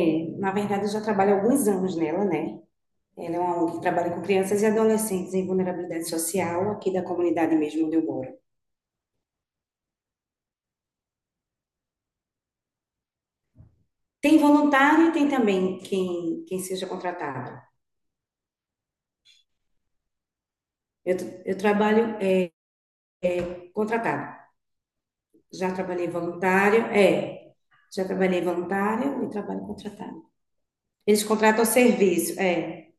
É, na verdade, eu já trabalho há alguns anos nela, né? Ela é uma ONG que trabalha com crianças e adolescentes em vulnerabilidade social aqui da comunidade mesmo onde eu moro. Tem voluntário e tem também quem seja contratado. Eu trabalho contratado. Já trabalhei voluntário, é. Já trabalhei voluntário e trabalho contratado. Eles contratam o serviço, é.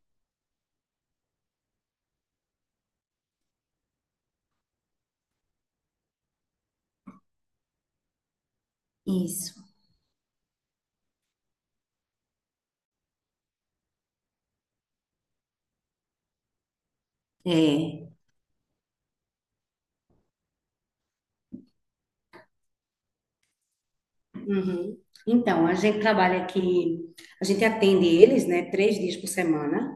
Isso, é. Uhum. Então, a gente trabalha aqui, a gente atende eles, né, 3 dias por semana.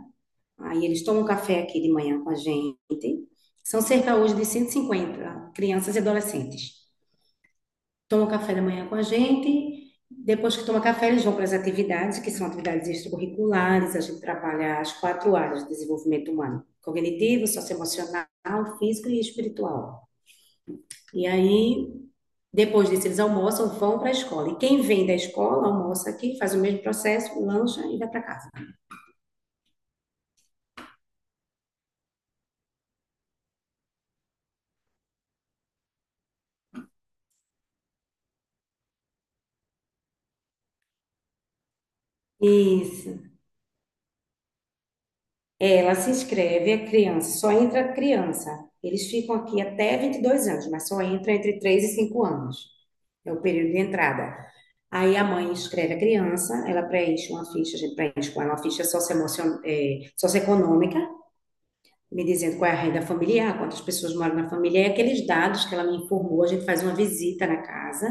Aí eles tomam um café aqui de manhã com a gente. São cerca hoje de 150 crianças e adolescentes. Tomam café da manhã com a gente. Depois que toma café, eles vão para as atividades, que são atividades extracurriculares. A gente trabalha as quatro áreas de desenvolvimento humano: cognitivo, socioemocional, físico e espiritual. E aí, depois disso, eles almoçam, vão para a escola. E quem vem da escola almoça aqui, faz o mesmo processo, lancha e vai para casa. Isso. Ela se inscreve, a criança, só entra a criança. Eles ficam aqui até 22 anos, mas só entra entre 3 e 5 anos. É o período de entrada. Aí a mãe inscreve a criança, ela preenche uma ficha, a gente preenche com ela uma ficha socioeconômica, me dizendo qual é a renda familiar, quantas pessoas moram na família, e aqueles dados que ela me informou, a gente faz uma visita na casa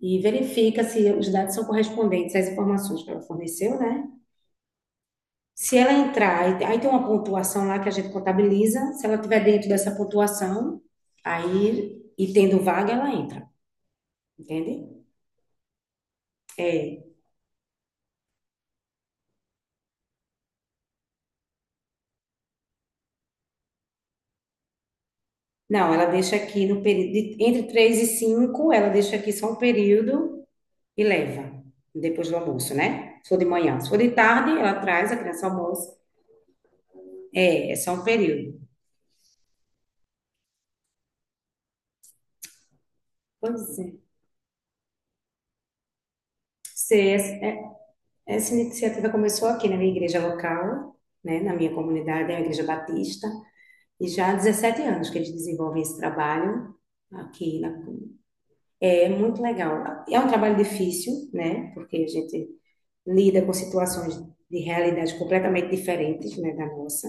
e verifica se os dados são correspondentes às informações que ela forneceu, né? Se ela entrar, aí tem uma pontuação lá que a gente contabiliza, se ela estiver dentro dessa pontuação, aí, e tendo vaga, ela entra, entende? É. Não, ela deixa aqui no período, entre 3 e 5, ela deixa aqui só um período e leva, depois do almoço, né? Se for de manhã. Se for de tarde, ela traz a criança ao almoço, é só um período. Pois é. Se essa, é- Essa iniciativa começou aqui na minha igreja local, né? Na minha comunidade, é a Igreja Batista. E já há 17 anos que eles desenvolvem esse trabalho aqui. Na... É muito legal. É um trabalho difícil, né? Porque a gente lida com situações de realidade completamente diferentes, né, da nossa.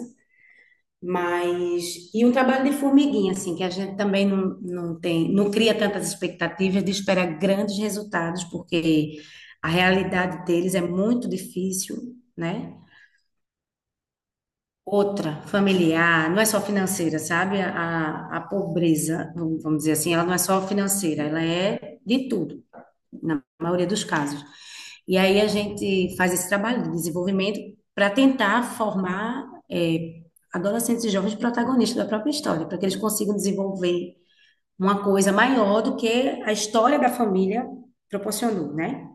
Mas, e um trabalho de formiguinha, assim, que a gente também não, não tem, não cria tantas expectativas de esperar grandes resultados, porque a realidade deles é muito difícil, né? Outra, familiar, não é só financeira, sabe? A pobreza, vamos dizer assim, ela não é só financeira, ela é de tudo, na maioria dos casos. E aí a gente faz esse trabalho de desenvolvimento para tentar formar eh, adolescentes e jovens protagonistas da própria história, para que eles consigam desenvolver uma coisa maior do que a história da família proporcionou, né?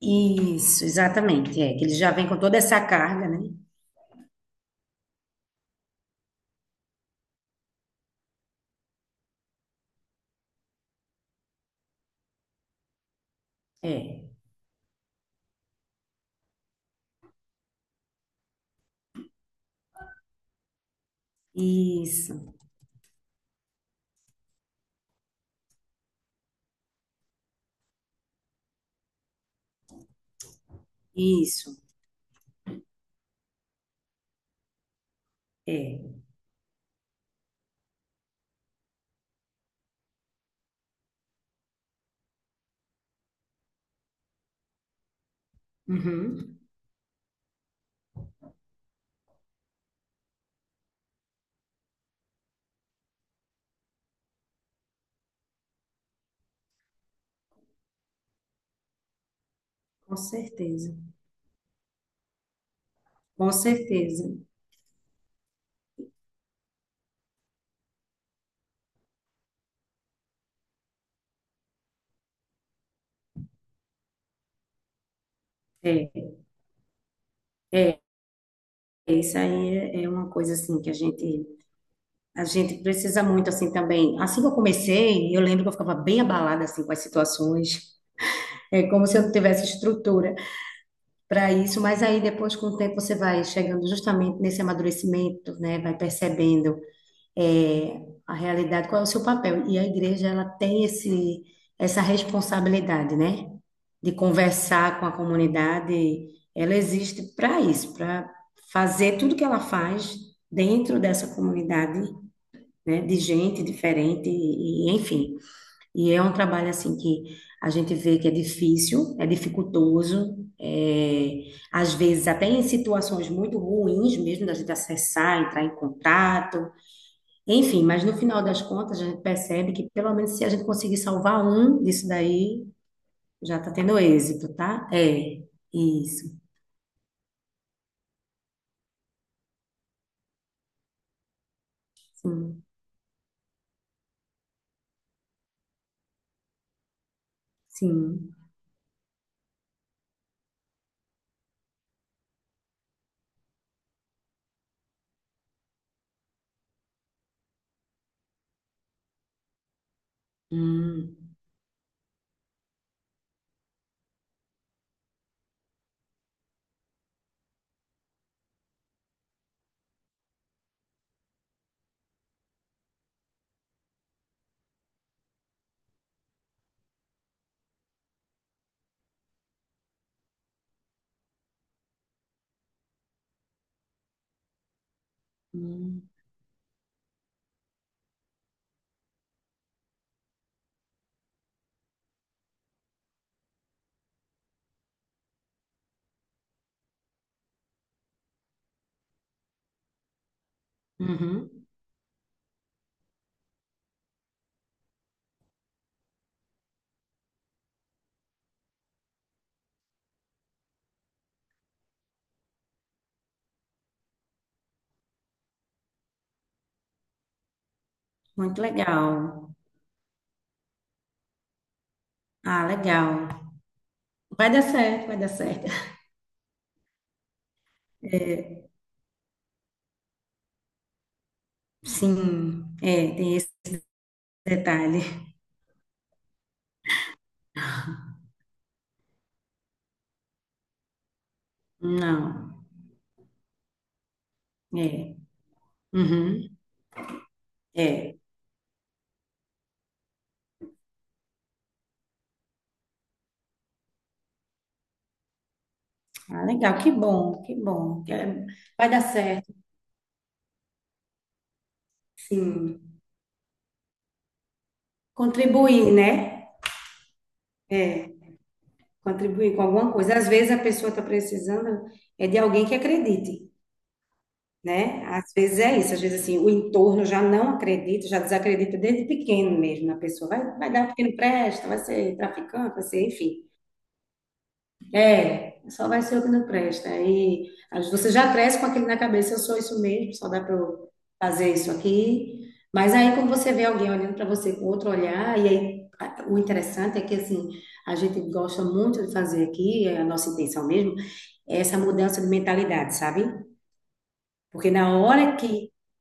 Isso, exatamente. É, que eles já vêm com toda essa carga, né? É. Isso. Isso, é. Uhum, com certeza, com certeza. É, é, isso aí é uma coisa assim que a gente precisa muito assim também. Assim que eu comecei, eu lembro que eu ficava bem abalada assim com as situações, é como se eu não tivesse estrutura para isso, mas aí depois com o tempo você vai chegando justamente nesse amadurecimento, né? Vai percebendo é, a realidade, qual é o seu papel. E a igreja, ela tem essa responsabilidade, né? De conversar com a comunidade. Ela existe para isso, para fazer tudo que ela faz dentro dessa comunidade, né? De gente diferente e, enfim. E é um trabalho, assim, que a gente vê que é difícil, é dificultoso, é, às vezes até em situações muito ruins mesmo, da gente acessar, entrar em contato, enfim, mas no final das contas, a gente percebe que pelo menos se a gente conseguir salvar um disso daí, já está tendo êxito, tá? É, isso. Sim, sim. Hum, hum, uhum. Muito legal. Ah, legal. Vai dar certo, vai dar certo. Sim, é, tem esse detalhe. Não, é. Uhum, é. Ah, legal, que bom, que bom. É, vai dar certo, sim. Contribuir, né? É. Contribuir com alguma coisa. Às vezes a pessoa está precisando é de alguém que acredite, né? Às vezes é isso, às vezes assim, o entorno já não acredita, já desacredita desde pequeno mesmo na pessoa. Vai dar um pequeno presta, vai ser traficante, vai ser, enfim. É, só vai ser o que não presta. Aí você já cresce com aquilo na cabeça, eu sou isso mesmo, só dá para eu fazer isso aqui. Mas aí quando você vê alguém olhando para você com outro olhar, e aí o interessante é que assim, a gente gosta muito de fazer aqui, é a nossa intenção mesmo, é essa mudança de mentalidade, sabe? Porque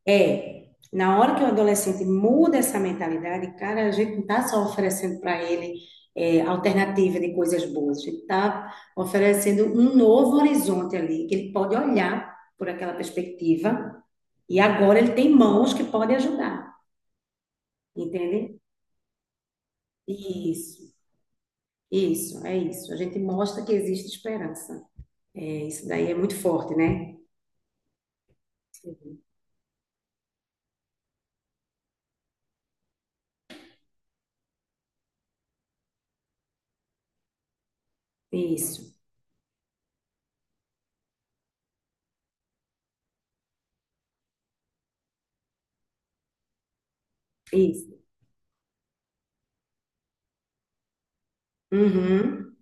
é, na hora que o adolescente muda essa mentalidade, cara, a gente não está só oferecendo para ele alternativa de coisas boas, a gente está oferecendo um novo horizonte ali, que ele pode olhar por aquela perspectiva, e agora ele tem mãos que podem ajudar, entende? Isso, isso, é isso. A gente mostra que existe esperança. É, isso daí é muito forte, né? Isso, isso. Uhum.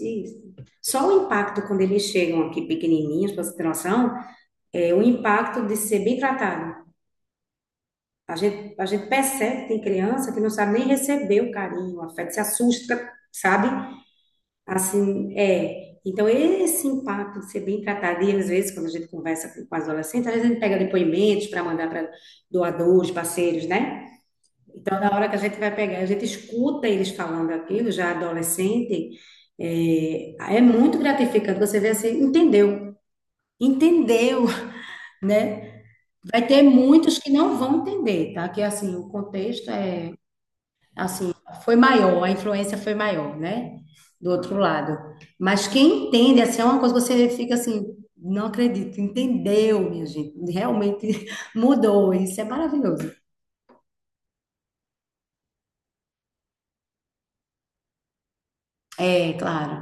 Isso. Só o impacto quando eles chegam aqui pequenininhos, para você ter noção, é o impacto de ser bem tratado. A gente percebe que tem criança que não sabe nem receber o carinho, o afeto, se assusta, sabe? Assim, é. Então, esse impacto de ser bem tratado, e às vezes, quando a gente conversa com as adolescentes, às vezes a gente pega depoimentos para mandar para doadores, parceiros, né? Então, na hora que a gente vai pegar, a gente escuta eles falando aquilo, já adolescente, é muito gratificante. Você vê assim, entendeu, entendeu, né? Vai ter muitos que não vão entender, tá? Que assim, o contexto é assim, foi maior, a influência foi maior, né? Do outro lado. Mas quem entende, assim, é uma coisa que você fica assim, não acredito, entendeu, minha gente. Realmente mudou, isso é maravilhoso. É, claro.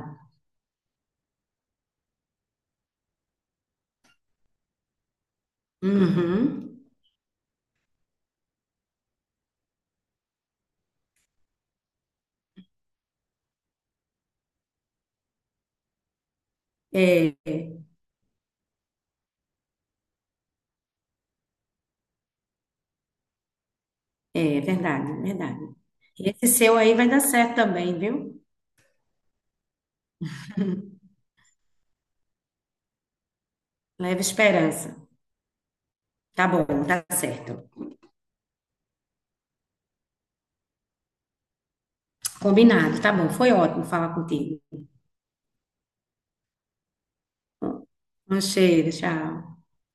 Uhum. É. É verdade, verdade. E esse seu aí vai dar certo também, viu? Leva esperança. Tá bom, tá certo. Combinado, tá bom. Foi ótimo falar contigo. Um cheiro, tchau.